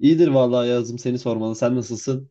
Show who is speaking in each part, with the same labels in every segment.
Speaker 1: İyidir vallahi yazdım seni sormalı. Sen nasılsın?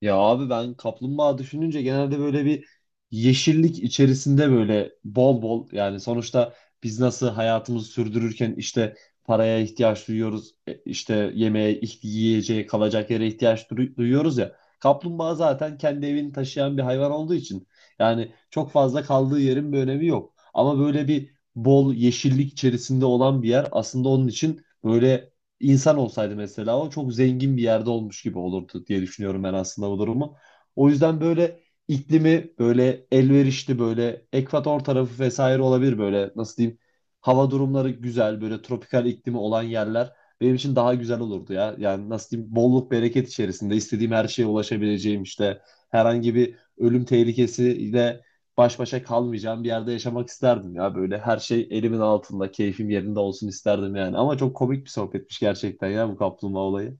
Speaker 1: Ya abi ben kaplumbağa düşününce genelde böyle bir yeşillik içerisinde böyle bol bol, yani sonuçta biz nasıl hayatımızı sürdürürken işte paraya ihtiyaç duyuyoruz, işte yemeğe, yiyeceğe, kalacak yere ihtiyaç duyuyoruz ya. Kaplumbağa zaten kendi evini taşıyan bir hayvan olduğu için yani çok fazla kaldığı yerin bir önemi yok. Ama böyle bir bol yeşillik içerisinde olan bir yer aslında onun için böyle, insan olsaydı mesela o çok zengin bir yerde olmuş gibi olurdu diye düşünüyorum ben aslında bu durumu. O yüzden böyle iklimi böyle elverişli, böyle ekvator tarafı vesaire olabilir, böyle nasıl diyeyim, hava durumları güzel, böyle tropikal iklimi olan yerler benim için daha güzel olurdu ya. Yani nasıl diyeyim, bolluk bereket içerisinde, istediğim her şeye ulaşabileceğim, işte herhangi bir ölüm tehlikesiyle baş başa kalmayacağım bir yerde yaşamak isterdim ya. Böyle her şey elimin altında, keyfim yerinde olsun isterdim yani. Ama çok komik bir sohbetmiş gerçekten ya, bu kaplumbağa olayı.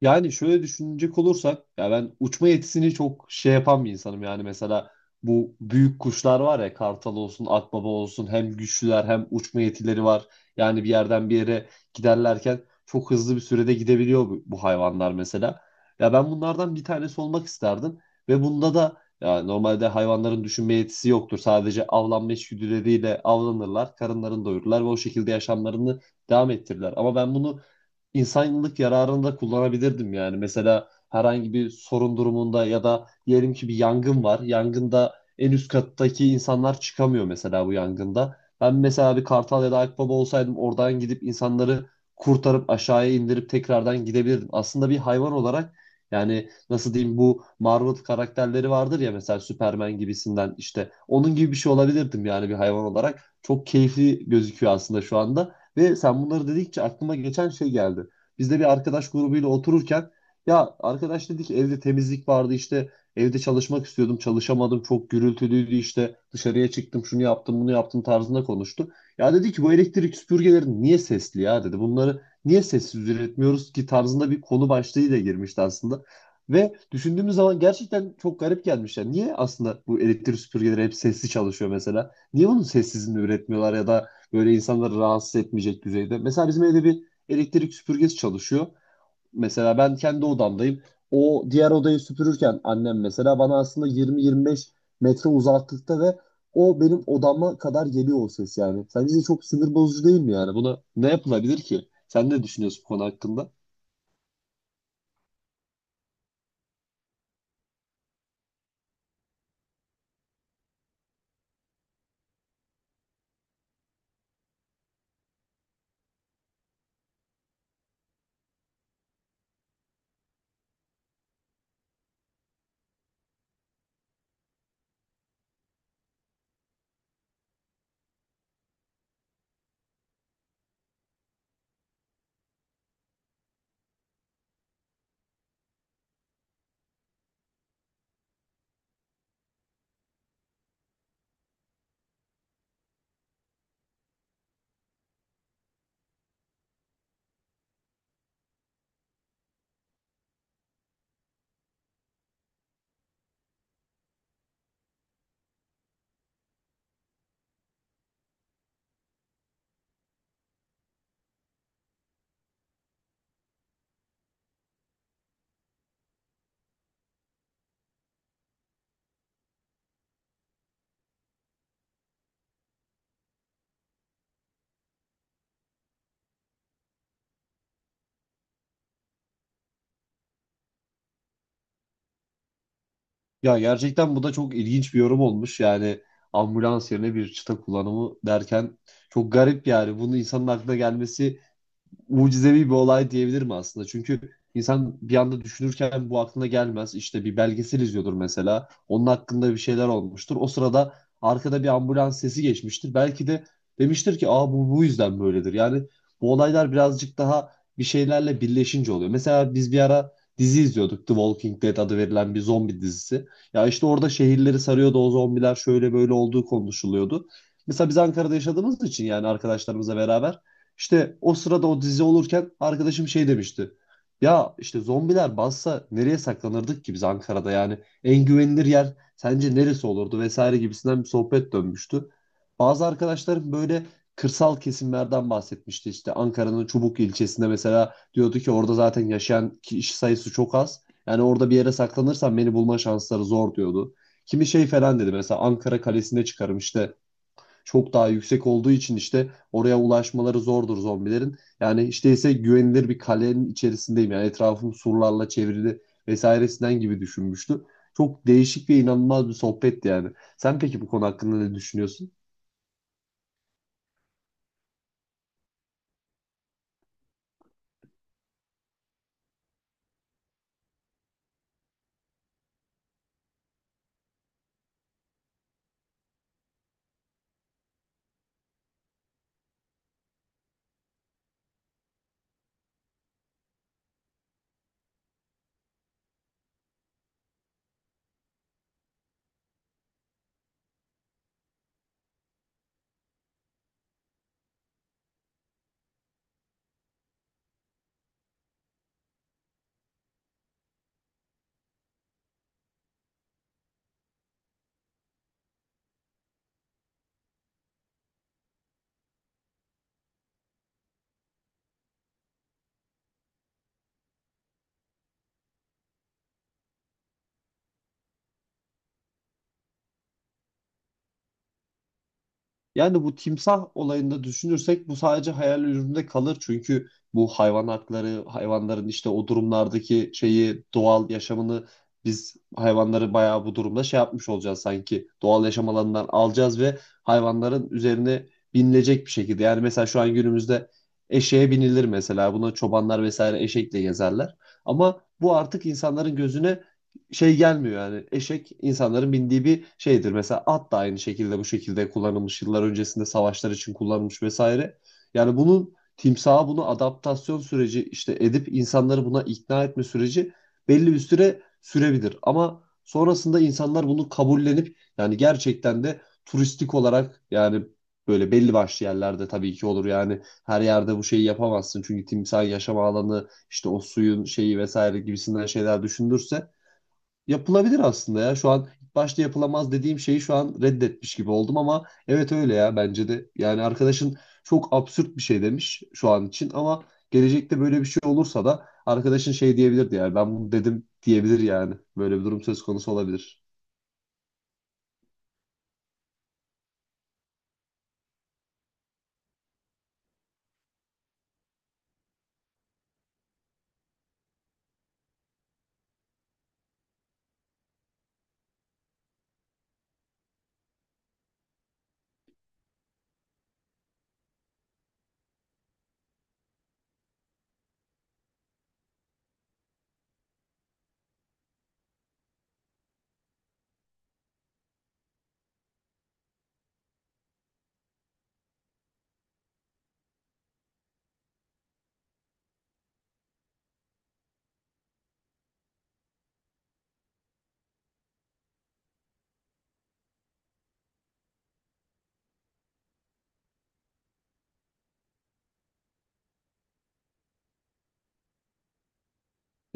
Speaker 1: Yani şöyle düşünecek olursak ya, ben uçma yetisini çok şey yapan bir insanım. Yani mesela bu büyük kuşlar var ya, kartal olsun, akbaba olsun, hem güçlüler hem uçma yetileri var. Yani bir yerden bir yere giderlerken çok hızlı bir sürede gidebiliyor bu hayvanlar mesela. Ya ben bunlardan bir tanesi olmak isterdim. Ve bunda da ya, normalde hayvanların düşünme yetisi yoktur. Sadece avlanma içgüdüleriyle avlanırlar, karınlarını doyururlar ve o şekilde yaşamlarını devam ettirirler. Ama ben bunu insanlık yararında kullanabilirdim yani. Mesela herhangi bir sorun durumunda ya da diyelim ki bir yangın var. Yangında en üst kattaki insanlar çıkamıyor mesela bu yangında. Ben mesela bir kartal ya da akbaba olsaydım, oradan gidip insanları kurtarıp aşağıya indirip tekrardan gidebilirdim. Aslında bir hayvan olarak, yani nasıl diyeyim, bu Marvel karakterleri vardır ya, mesela Superman gibisinden, işte onun gibi bir şey olabilirdim yani bir hayvan olarak. Çok keyifli gözüküyor aslında şu anda. Ve sen bunları dedikçe aklıma geçen şey geldi. Biz de bir arkadaş grubuyla otururken, ya arkadaş dedi ki, evde temizlik vardı, işte evde çalışmak istiyordum, çalışamadım, çok gürültülüydü, işte dışarıya çıktım, şunu yaptım bunu yaptım tarzında konuştu. Ya dedi ki, bu elektrik süpürgeleri niye sesli ya, dedi, bunları niye sessiz üretmiyoruz ki tarzında bir konu başlığıyla girmişti aslında. Ve düşündüğümüz zaman gerçekten çok garip gelmiş. Yani niye aslında bu elektrik süpürgeleri hep sesli çalışıyor mesela? Niye bunun sessizini üretmiyorlar ya da böyle insanları rahatsız etmeyecek düzeyde? Mesela bizim evde bir elektrik süpürgesi çalışıyor. Mesela ben kendi odamdayım. O diğer odayı süpürürken annem, mesela bana aslında 20-25 metre uzaklıkta ve o benim odama kadar geliyor o ses yani. Sence de çok sinir bozucu değil mi yani? Buna ne yapılabilir ki? Sen ne düşünüyorsun bu konu hakkında? Ya gerçekten bu da çok ilginç bir yorum olmuş. Yani ambulans yerine bir çıta kullanımı derken, çok garip yani. Bunun insanın aklına gelmesi mucizevi bir olay diyebilirim aslında. Çünkü insan bir anda düşünürken bu aklına gelmez. İşte bir belgesel izliyordur mesela. Onun hakkında bir şeyler olmuştur. O sırada arkada bir ambulans sesi geçmiştir. Belki de demiştir ki, aa bu yüzden böyledir. Yani bu olaylar birazcık daha bir şeylerle birleşince oluyor. Mesela biz bir ara dizi izliyorduk. The Walking Dead adı verilen bir zombi dizisi. Ya işte orada şehirleri sarıyordu o zombiler, şöyle böyle olduğu konuşuluyordu. Mesela biz Ankara'da yaşadığımız için, yani arkadaşlarımızla beraber işte, o sırada o dizi olurken arkadaşım şey demişti. Ya işte zombiler bassa nereye saklanırdık ki biz Ankara'da, yani en güvenilir yer sence neresi olurdu vesaire gibisinden bir sohbet dönmüştü. Bazı arkadaşlarım böyle kırsal kesimlerden bahsetmişti. İşte Ankara'nın Çubuk ilçesinde mesela, diyordu ki orada zaten yaşayan kişi sayısı çok az. Yani orada bir yere saklanırsam beni bulma şansları zor, diyordu. Kimi şey falan dedi, mesela Ankara Kalesi'ne çıkarım işte, çok daha yüksek olduğu için işte oraya ulaşmaları zordur zombilerin. Yani işte ise güvenilir bir kalenin içerisindeyim. Yani etrafım surlarla çevrili vesairesinden gibi düşünmüştü. Çok değişik ve inanılmaz bir sohbetti yani. Sen peki bu konu hakkında ne düşünüyorsun? Yani bu timsah olayında düşünürsek bu sadece hayal ürününde kalır. Çünkü bu hayvan hakları, hayvanların işte o durumlardaki şeyi, doğal yaşamını, biz hayvanları bayağı bu durumda şey yapmış olacağız sanki. Doğal yaşam alanından alacağız ve hayvanların üzerine binilecek bir şekilde. Yani mesela şu an günümüzde eşeğe binilir mesela. Buna çobanlar vesaire eşekle gezerler. Ama bu artık insanların gözüne şey gelmiyor yani. Eşek insanların bindiği bir şeydir. Mesela at da aynı şekilde bu şekilde kullanılmış. Yıllar öncesinde savaşlar için kullanılmış vesaire. Yani bunun timsaha bunu adaptasyon süreci işte, edip insanları buna ikna etme süreci belli bir süre sürebilir. Ama sonrasında insanlar bunu kabullenip, yani gerçekten de turistik olarak, yani böyle belli başlı yerlerde tabii ki olur yani, her yerde bu şeyi yapamazsın çünkü timsah yaşam alanı işte o suyun şeyi vesaire gibisinden şeyler düşündürse. Yapılabilir aslında ya. Şu an ilk başta yapılamaz dediğim şeyi şu an reddetmiş gibi oldum, ama evet öyle ya, bence de. Yani arkadaşın çok absürt bir şey demiş şu an için, ama gelecekte böyle bir şey olursa da arkadaşın şey diyebilirdi yani, ben bunu dedim diyebilir yani. Böyle bir durum söz konusu olabilir.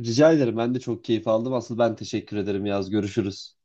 Speaker 1: Rica ederim, ben de çok keyif aldım. Asıl ben teşekkür ederim Yaz. Görüşürüz.